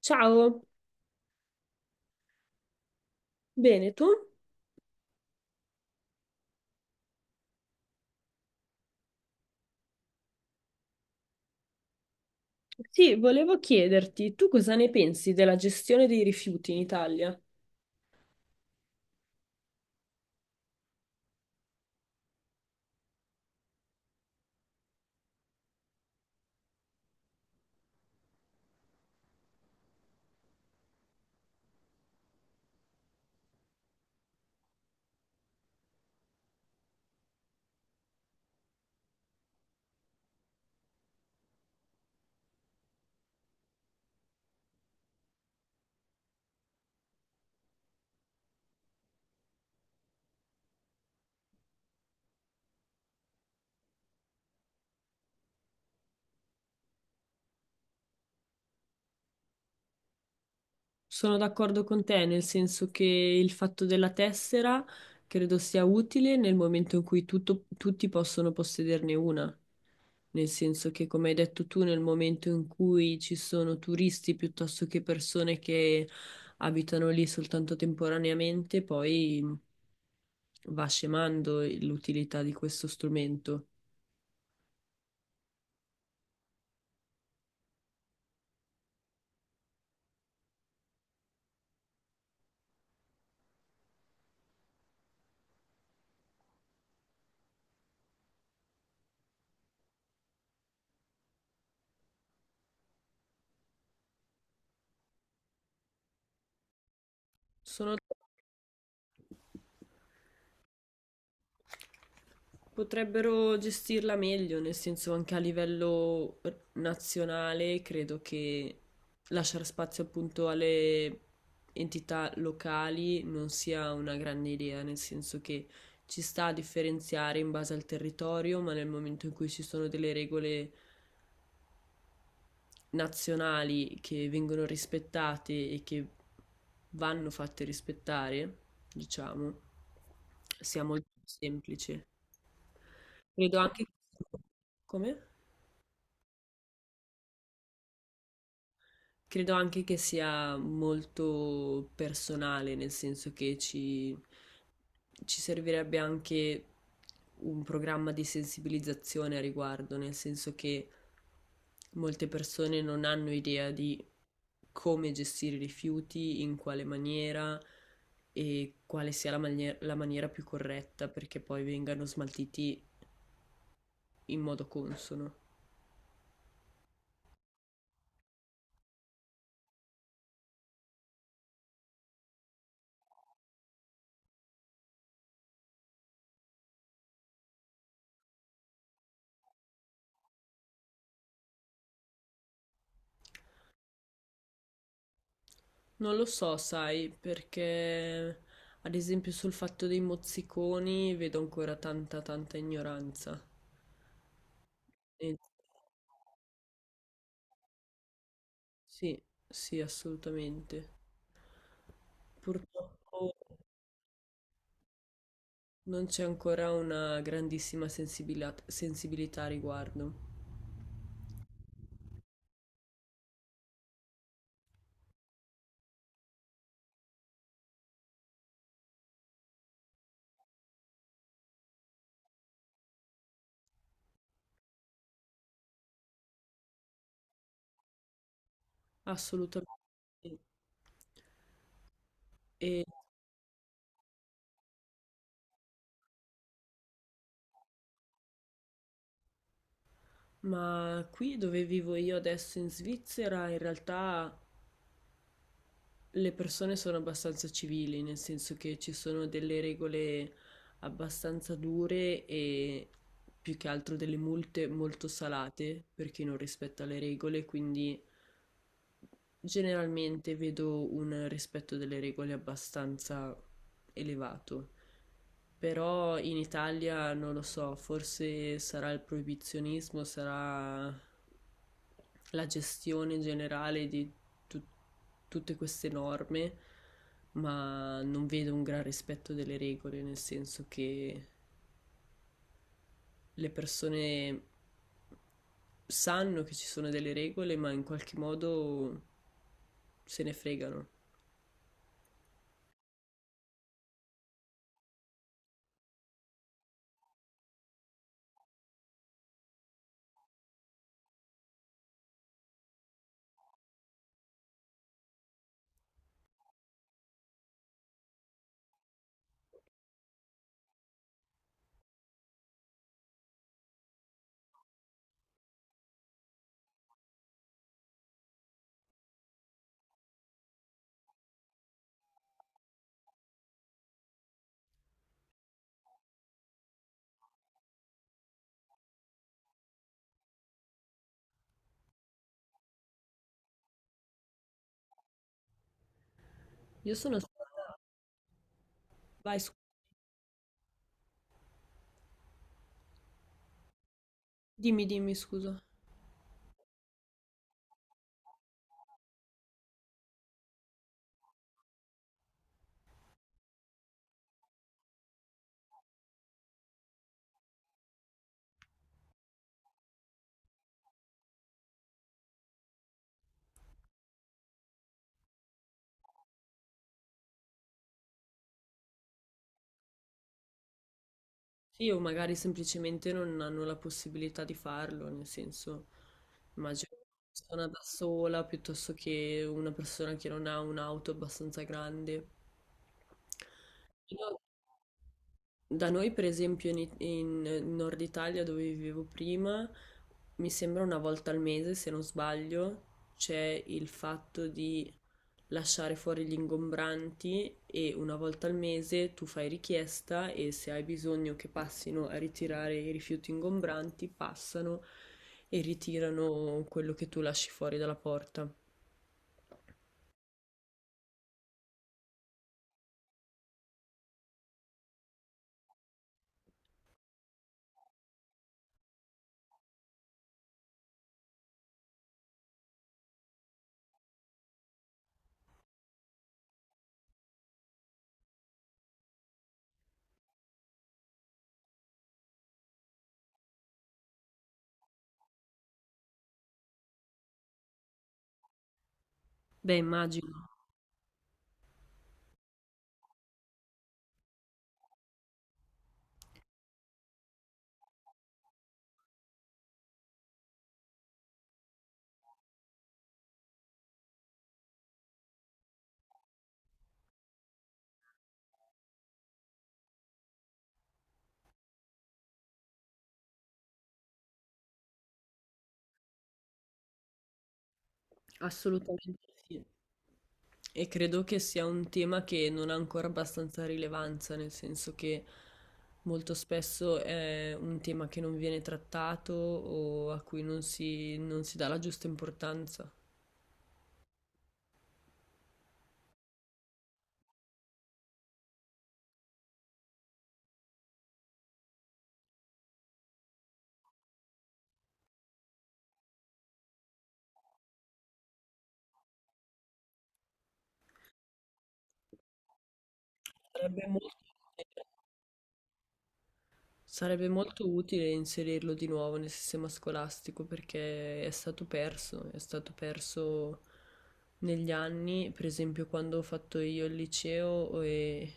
Ciao, bene, tu? Sì, volevo chiederti, tu cosa ne pensi della gestione dei rifiuti in Italia? Sono d'accordo con te, nel senso che il fatto della tessera credo sia utile nel momento in cui tutti possono possederne una, nel senso che, come hai detto tu, nel momento in cui ci sono turisti piuttosto che persone che abitano lì soltanto temporaneamente, poi va scemando l'utilità di questo strumento. Sono potrebbero gestirla meglio, nel senso anche a livello nazionale, credo che lasciare spazio appunto alle entità locali non sia una grande idea, nel senso che ci sta a differenziare in base al territorio, ma nel momento in cui ci sono delle regole nazionali che vengono rispettate e che vanno fatte rispettare, diciamo, sia molto semplice. Credo anche, come? Credo anche che sia molto personale, nel senso che ci servirebbe anche un programma di sensibilizzazione a riguardo, nel senso che molte persone non hanno idea di come gestire i rifiuti, in quale maniera e quale sia la maniera più corretta perché poi vengano smaltiti in modo consono. Non lo so, sai, perché ad esempio sul fatto dei mozziconi vedo ancora tanta ignoranza. E- sì, sì, assolutamente. Purtroppo non c'è ancora una grandissima sensibilità a riguardo. Assolutamente. E ma qui dove vivo io adesso in Svizzera, in realtà le persone sono abbastanza civili, nel senso che ci sono delle regole abbastanza dure e più che altro delle multe molto salate per chi non rispetta le regole, quindi generalmente vedo un rispetto delle regole abbastanza elevato, però in Italia non lo so, forse sarà il proibizionismo, sarà la gestione generale di tu- tutte queste norme, ma non vedo un gran rispetto delle regole, nel senso che le persone sanno che ci sono delle regole, ma in qualche modo se ne fregano. Io sono... Vai, scu- dimmi, scusa. Sì, o magari semplicemente non hanno la possibilità di farlo, nel senso, immagino una persona da sola piuttosto che una persona che non ha un'auto abbastanza grande. Da noi, per esempio, in Nord Italia, dove vivevo prima, mi sembra una volta al mese, se non sbaglio, c'è il fatto di lasciare fuori gli ingombranti e una volta al mese tu fai richiesta e se hai bisogno che passino a ritirare i rifiuti ingombranti, passano e ritirano quello che tu lasci fuori dalla porta. Beh, immagino, assolutamente sì. E credo che sia un tema che non ha ancora abbastanza rilevanza, nel senso che molto spesso è un tema che non viene trattato o a cui non si dà la giusta importanza. Sarebbe molto sarebbe molto utile inserirlo di nuovo nel sistema scolastico perché è stato perso negli anni, per esempio quando ho fatto io il liceo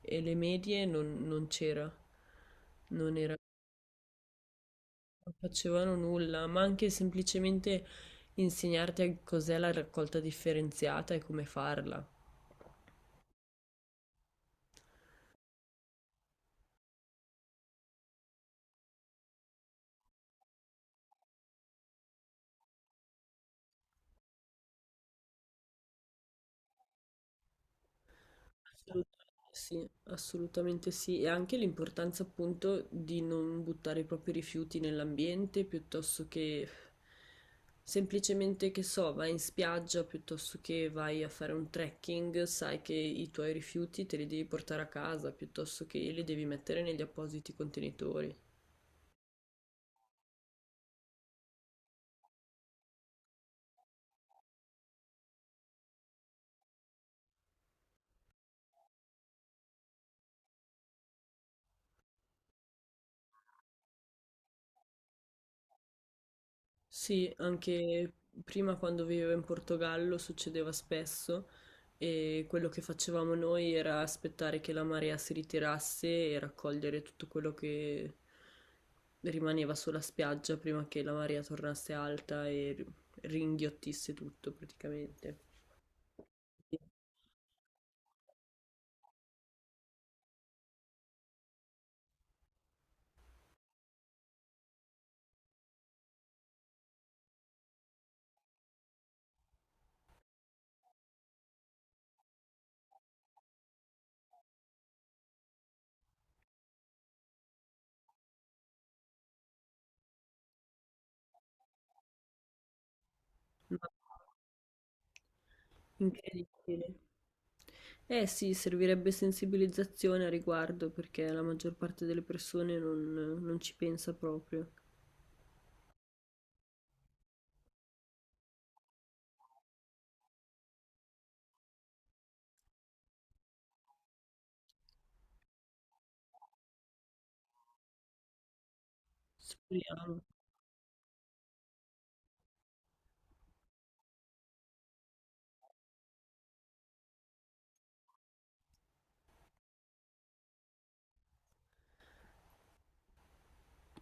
e le medie non c'era, non era- non facevano nulla, ma anche semplicemente insegnarti a cos'è la raccolta differenziata e come farla. Assolutamente sì, assolutamente sì. E anche l'importanza appunto di non buttare i propri rifiuti nell'ambiente piuttosto che semplicemente che so, vai in spiaggia piuttosto che vai a fare un trekking, sai che i tuoi rifiuti te li devi portare a casa piuttosto che li devi mettere negli appositi contenitori. Sì, anche prima quando vivevo in Portogallo succedeva spesso e quello che facevamo noi era aspettare che la marea si ritirasse e raccogliere tutto quello che rimaneva sulla spiaggia prima che la marea tornasse alta e ringhiottisse tutto praticamente. Sì. Ma incredibile. Eh sì, servirebbe sensibilizzazione a riguardo perché la maggior parte delle persone non ci pensa proprio. Speriamo.